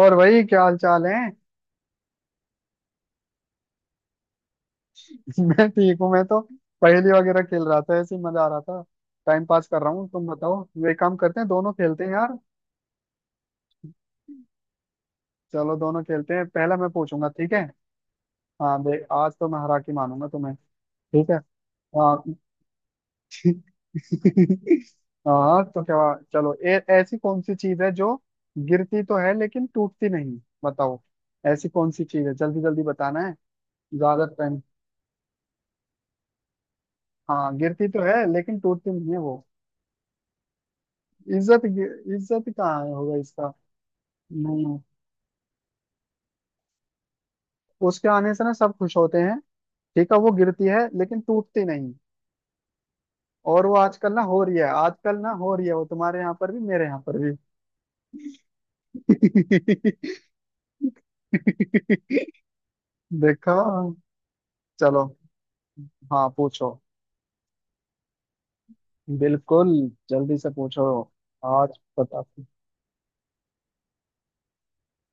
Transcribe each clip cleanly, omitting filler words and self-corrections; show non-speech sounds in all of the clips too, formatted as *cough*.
और भाई क्या हाल चाल है। *laughs* मैं ठीक हूँ। मैं तो पहेली वगैरह खेल रहा था, ऐसे ही मजा आ रहा था। टाइम पास कर रहा हूँ। तुम बताओ, वे काम करते हैं दोनों, खेलते हैं यार। चलो दोनों खेलते हैं। पहला मैं पूछूंगा, ठीक है। हाँ देख, आज तो मैं हरा के मानूंगा तुम्हें। ठीक है। हाँ। *laughs* हाँ तो क्या हुआ? चलो ऐसी कौन सी चीज है जो गिरती तो है लेकिन टूटती नहीं, बताओ। ऐसी कौन सी चीज है, जल्दी जल्दी बताना है, ज्यादा टाइम। हाँ, गिरती तो है लेकिन टूटती नहीं है वो। इज्जत इज्जत कहाँ होगा इसका। नहीं, उसके आने से ना सब खुश होते हैं। ठीक है, वो गिरती है लेकिन टूटती नहीं। और वो आजकल ना हो रही है, आजकल ना हो रही है, वो तुम्हारे यहाँ पर भी मेरे यहाँ पर भी। *laughs* देखो। चलो। हाँ पूछो। बिल्कुल, जल्दी से पूछो। आज पता।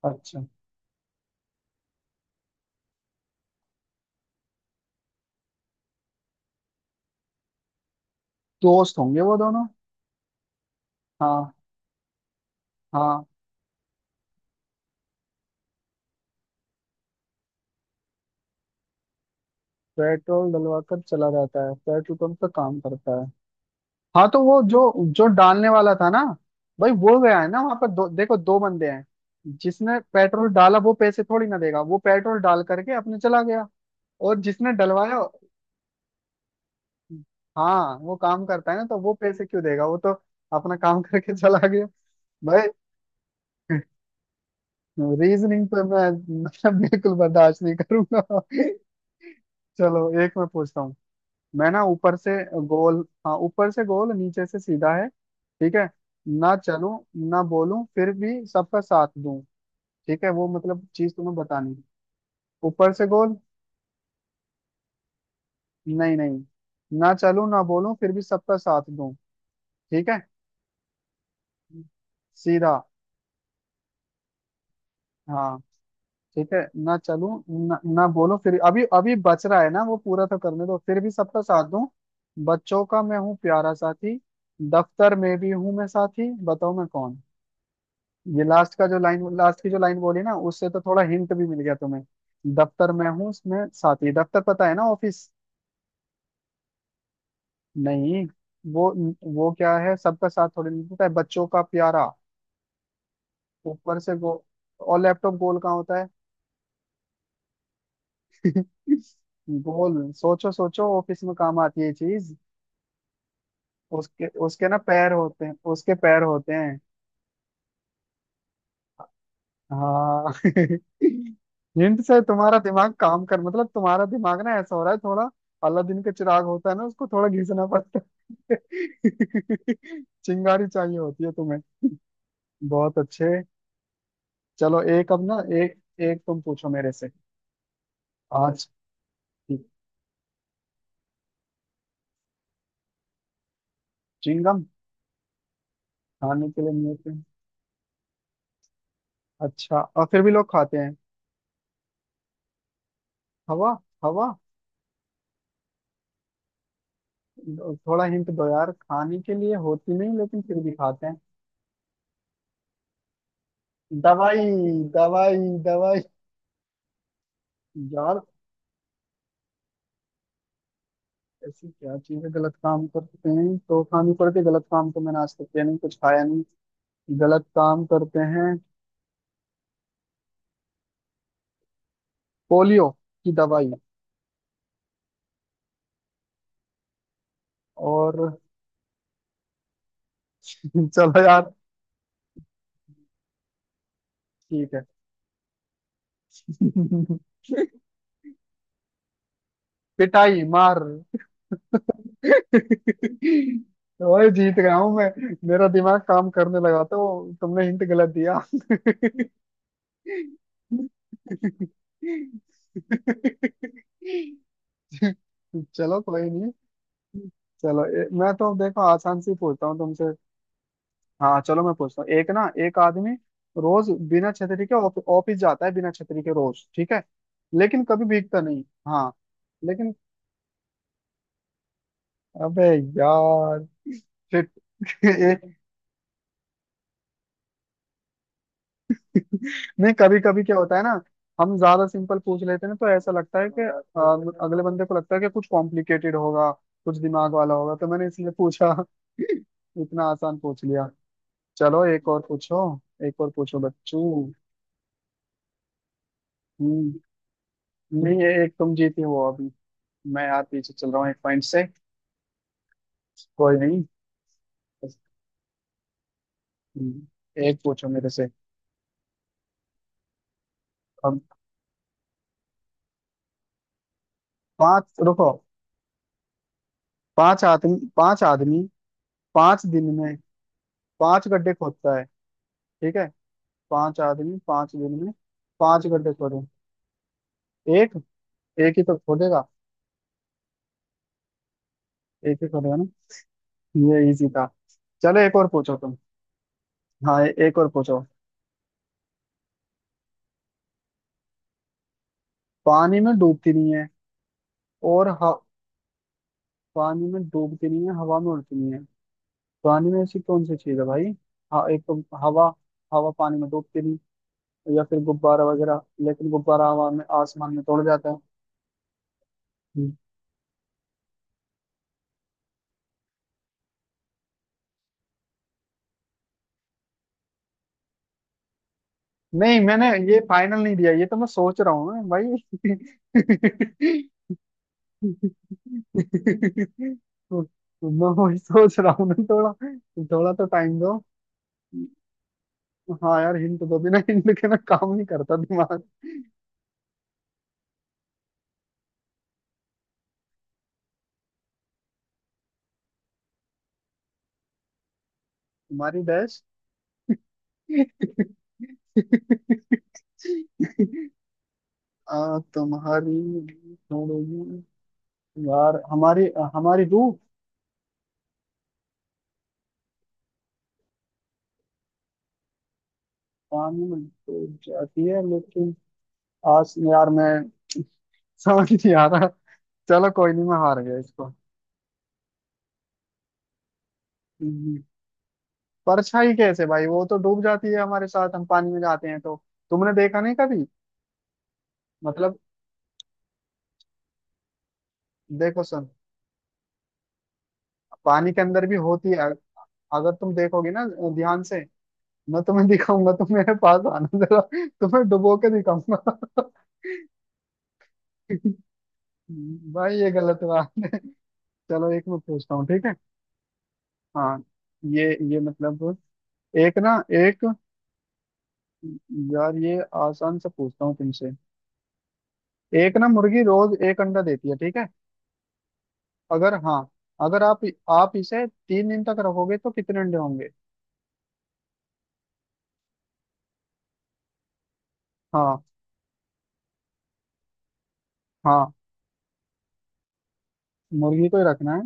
अच्छा। दोस्त होंगे वो दोनों। हाँ हाँ, पेट्रोल डलवा कर चला जाता है, पेट्रोल पंप का काम करता है। हाँ, तो वो जो जो डालने वाला था ना, भाई वो गया है ना वहां पर। दो, देखो दो बंदे हैं। जिसने पेट्रोल डाला वो पैसे थोड़ी ना देगा, वो पेट्रोल डाल करके अपने चला गया। और जिसने डलवाया, हाँ वो काम करता है ना, तो वो पैसे क्यों देगा? वो तो अपना काम करके चला गया भाई। रीजनिंग तो मैं *laughs* मैं बिल्कुल बर्दाश्त नहीं करूंगा। चलो, एक मैं पूछता हूँ। मैं ना ऊपर से गोल, हाँ ऊपर से गोल, नीचे से सीधा है, ठीक है। ना चलूं, ना बोलूं, फिर भी सबका साथ दूं। ठीक है, वो मतलब चीज तुम्हें बतानी है। ऊपर से गोल। नहीं नहीं। ना चलूं, ना बोलूं, फिर भी सबका साथ दूं। ठीक है। सीधा। हाँ। ठीक है। ना चलूं, ना बोलूं, फिर अभी अभी बच रहा है ना वो, पूरा तो करने दो, फिर भी सबका साथ दूं। बच्चों का मैं हूँ प्यारा साथी, दफ्तर में भी हूँ मैं साथी, बताओ मैं कौन। ये लास्ट का जो लाइन, लास्ट की जो लाइन बोली ना, उससे तो थोड़ा हिंट भी मिल गया तुम्हें। दफ्तर में हूँ उसमें साथी, दफ्तर पता है ना, ऑफिस। नहीं। वो, वो क्या है, सबका साथ थोड़ी मिलता है, बच्चों का प्यारा। ऊपर से गो, और लैपटॉप गोल कहाँ होता है। *laughs* गोल, सोचो सोचो, ऑफिस में काम आती है ये चीज। उसके उसके ना पैर होते हैं, उसके पैर होते हैं। हाँ। *laughs* हिंट से तुम्हारा दिमाग काम कर, मतलब तुम्हारा दिमाग ना ऐसा हो रहा है थोड़ा, अलादीन का चिराग होता है ना, उसको थोड़ा घिसना पड़ता है। *laughs* चिंगारी चाहिए होती है तुम्हें। बहुत अच्छे। चलो एक अब ना, एक एक तुम पूछो मेरे से। आज। चिंगम, खाने के लिए मिलते हैं। अच्छा, और फिर भी लोग खाते हैं। हवा। हवा। थोड़ा हिंट दो यार, खाने के लिए होती नहीं लेकिन फिर भी खाते हैं। दवाई। दवाई। दवाई। यार ऐसी क्या चीजें गलत काम करते हैं तो खानी पड़ती है? गलत काम तो मैंने आज तक किया नहीं, कुछ खाया नहीं। गलत काम करते हैं। पोलियो की दवाई। और *laughs* चलो यार। ठीक है। *laughs* पिटाई, मार। *laughs* ओए जीत गया हूं मैं, मेरा दिमाग काम करने लगा था, वो तुमने हिंट गलत दिया। *laughs* चलो कोई नहीं। चलो मैं तो देखो आसान से ही पूछता हूँ तुमसे। हाँ चलो मैं पूछता हूँ, एक ना एक आदमी रोज बिना छतरी के ऑफिस जाता है, बिना छतरी के रोज, ठीक है। लेकिन कभी भीगता नहीं। हाँ। लेकिन, अबे यार, shit. *laughs* ये- नहीं, कभी कभी क्या होता है ना, हम ज्यादा सिंपल पूछ लेते हैं ना, तो ऐसा लगता है कि अगले बंदे को लगता है कि कुछ कॉम्प्लिकेटेड होगा, कुछ दिमाग वाला होगा, तो मैंने इसलिए पूछा। *laughs* इतना आसान पूछ लिया। चलो एक और पूछो। एक और पूछो बच्चू। नहीं, ये एक तुम जीती हो अभी, मैं यार पीछे चल रहा हूँ एक पॉइंट से। कोई नहीं। बस, हम्म, एक पूछो मेरे से। अब पांच, रुको, पांच आदमी, पांच आदमी, पांच दिन में पांच गड्ढे खोदता है, ठीक है। पांच आदमी पांच दिन में पांच गड्ढे खोदे, एक, एक ही तो खोदेगा। एक ही खोदेगा ना। ये इजी था। चलो एक और पूछो तुम। हाँ एक और पूछो। पानी में डूबती नहीं है और पानी में डूबती नहीं है, हवा में उड़ती नहीं है। पानी में ऐसी कौन सी चीज है भाई। हाँ एक तो हवा, हवा पानी में डूबती नहीं, या फिर गुब्बारा वगैरह, लेकिन गुब्बारा हवा में आसमान में तोड़ जाता है। हम्म। नहीं, मैंने ये फाइनल नहीं दिया, ये तो मैं सोच रहा हूँ मैं भाई। *laughs* तो मैं वही सोच रहा हूँ ना, थोड़ा थोड़ा तो टाइम दो। हाँ यार हिंट दो, बिना हिंट के ना काम नहीं करता दिमाग। तुम्हारी डैश। *laughs* तुम्हारी छोड़ोगी, यार हमारी, हमारी रूह। पानी में डूब जाती है लेकिन, आज यार मैं समझ नहीं आ रहा। चलो कोई नहीं, मैं हार गया इसको। हम्म, परछाई कैसे भाई, वो तो डूब जाती है हमारे साथ, हम पानी में जाते हैं तो। तुमने देखा नहीं कभी? मतलब देखो सुन, पानी के अंदर भी होती है, अगर तुम देखोगे ना ध्यान से, मैं तुम्हें दिखाऊंगा, तुम मेरे पास आना जरा, तुम्हें डुबो के दिखाऊंगा। *laughs* भाई ये गलत बात। चलो एक मैं पूछता हूँ, ठीक है। हाँ। ये ये मतलब, एक ना एक यार, ये आसान से पूछता हूँ तुमसे। एक ना मुर्गी रोज एक अंडा देती है, ठीक है। अगर हाँ, अगर आप, आप इसे तीन दिन तक रखोगे तो कितने अंडे होंगे। हाँ। हाँ। मुर्गी को ही रखना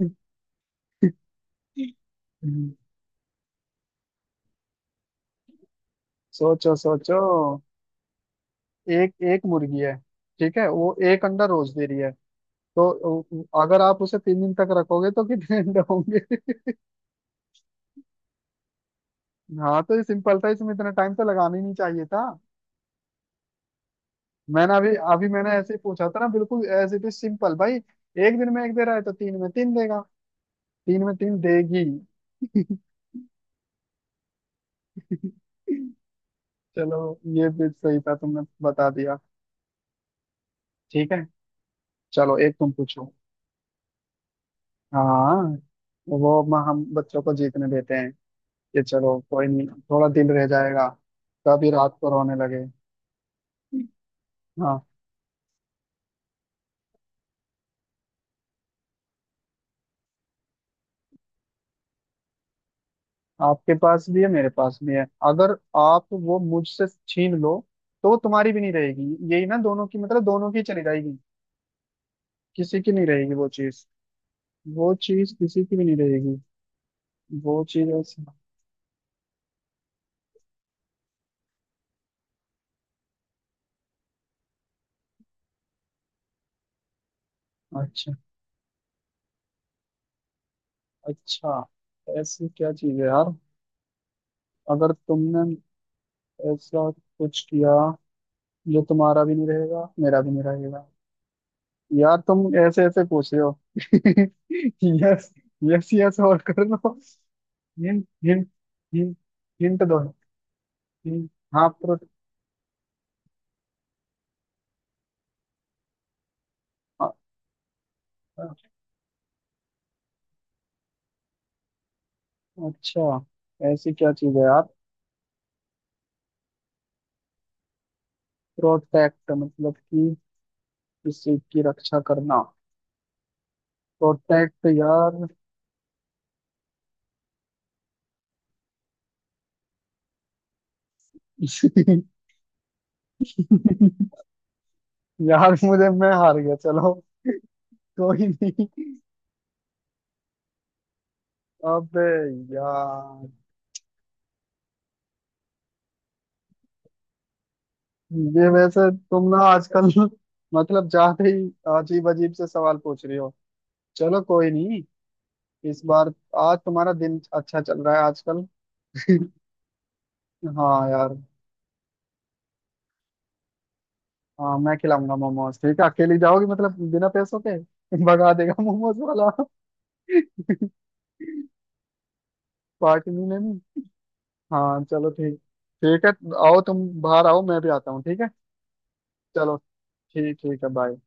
है। *laughs* सोचो सोचो। एक, एक मुर्गी है, ठीक है, वो एक अंडा रोज दे रही है, तो अगर आप उसे तीन दिन तक रखोगे तो कितने अंडे होंगे। *laughs* हाँ तो ये सिंपल था, इसमें इतना टाइम तो लगाना ही नहीं चाहिए था। मैंने अभी अभी मैंने ऐसे ही पूछा था ना, बिल्कुल ऐसे भी सिंपल भाई, एक दिन में एक दे रहा है तो तीन में तीन देगा, तीन में तीन देगी। *laughs* चलो, ये भी सही था, तुमने बता दिया। ठीक है, चलो एक तुम पूछो। हाँ। हम बच्चों को जीतने देते हैं, ये चलो कोई नहीं, थोड़ा दिल रह जाएगा, कभी रात को रोने लगे। हाँ, आपके पास भी है मेरे पास भी है, अगर आप वो मुझसे छीन लो तो वो तुम्हारी भी नहीं रहेगी, यही ना, दोनों की मतलब दोनों की चली जाएगी। किसी की नहीं रहेगी वो चीज, वो चीज किसी की भी नहीं रहेगी। वो चीज ऐसी। अच्छा, अच्छा, ऐसी क्या चीज है यार, अगर तुमने ऐसा कुछ किया जो तुम्हारा भी नहीं रहेगा मेरा भी नहीं रहेगा। यार तुम ऐसे ऐसे पूछ रहे हो। *laughs* यस, यस यस और कर लो। हिंट हिंट, हिंट, हिंट दो, हिंट। हाँ प्रो, अ- अ- अच्छा ऐसी क्या चीज है यार। प्रोटेक्ट मतलब कि किसी की रक्षा करना। प्रोटेक्ट यार। *laughs* यार मुझे, मैं हार गया, चलो कोई नहीं। अबे यार, ये वैसे तुम ना आजकल मतलब जाते ही अजीब अजीब से सवाल पूछ रही हो। चलो कोई नहीं, इस बार, आज तुम्हारा दिन अच्छा चल रहा है आजकल। *laughs* हाँ यार। हाँ मैं खिलाऊंगा मोमोज, ठीक है, अकेली जाओगी मतलब बिना पैसों के *laughs* भगा देगा मोमोज वाला। *laughs* पार्टी नहीं लेनी। हाँ चलो ठीक, ठीक है, आओ तुम बाहर आओ, मैं भी आता हूँ, ठीक है। चलो, ठीक, ठीक है, बाय।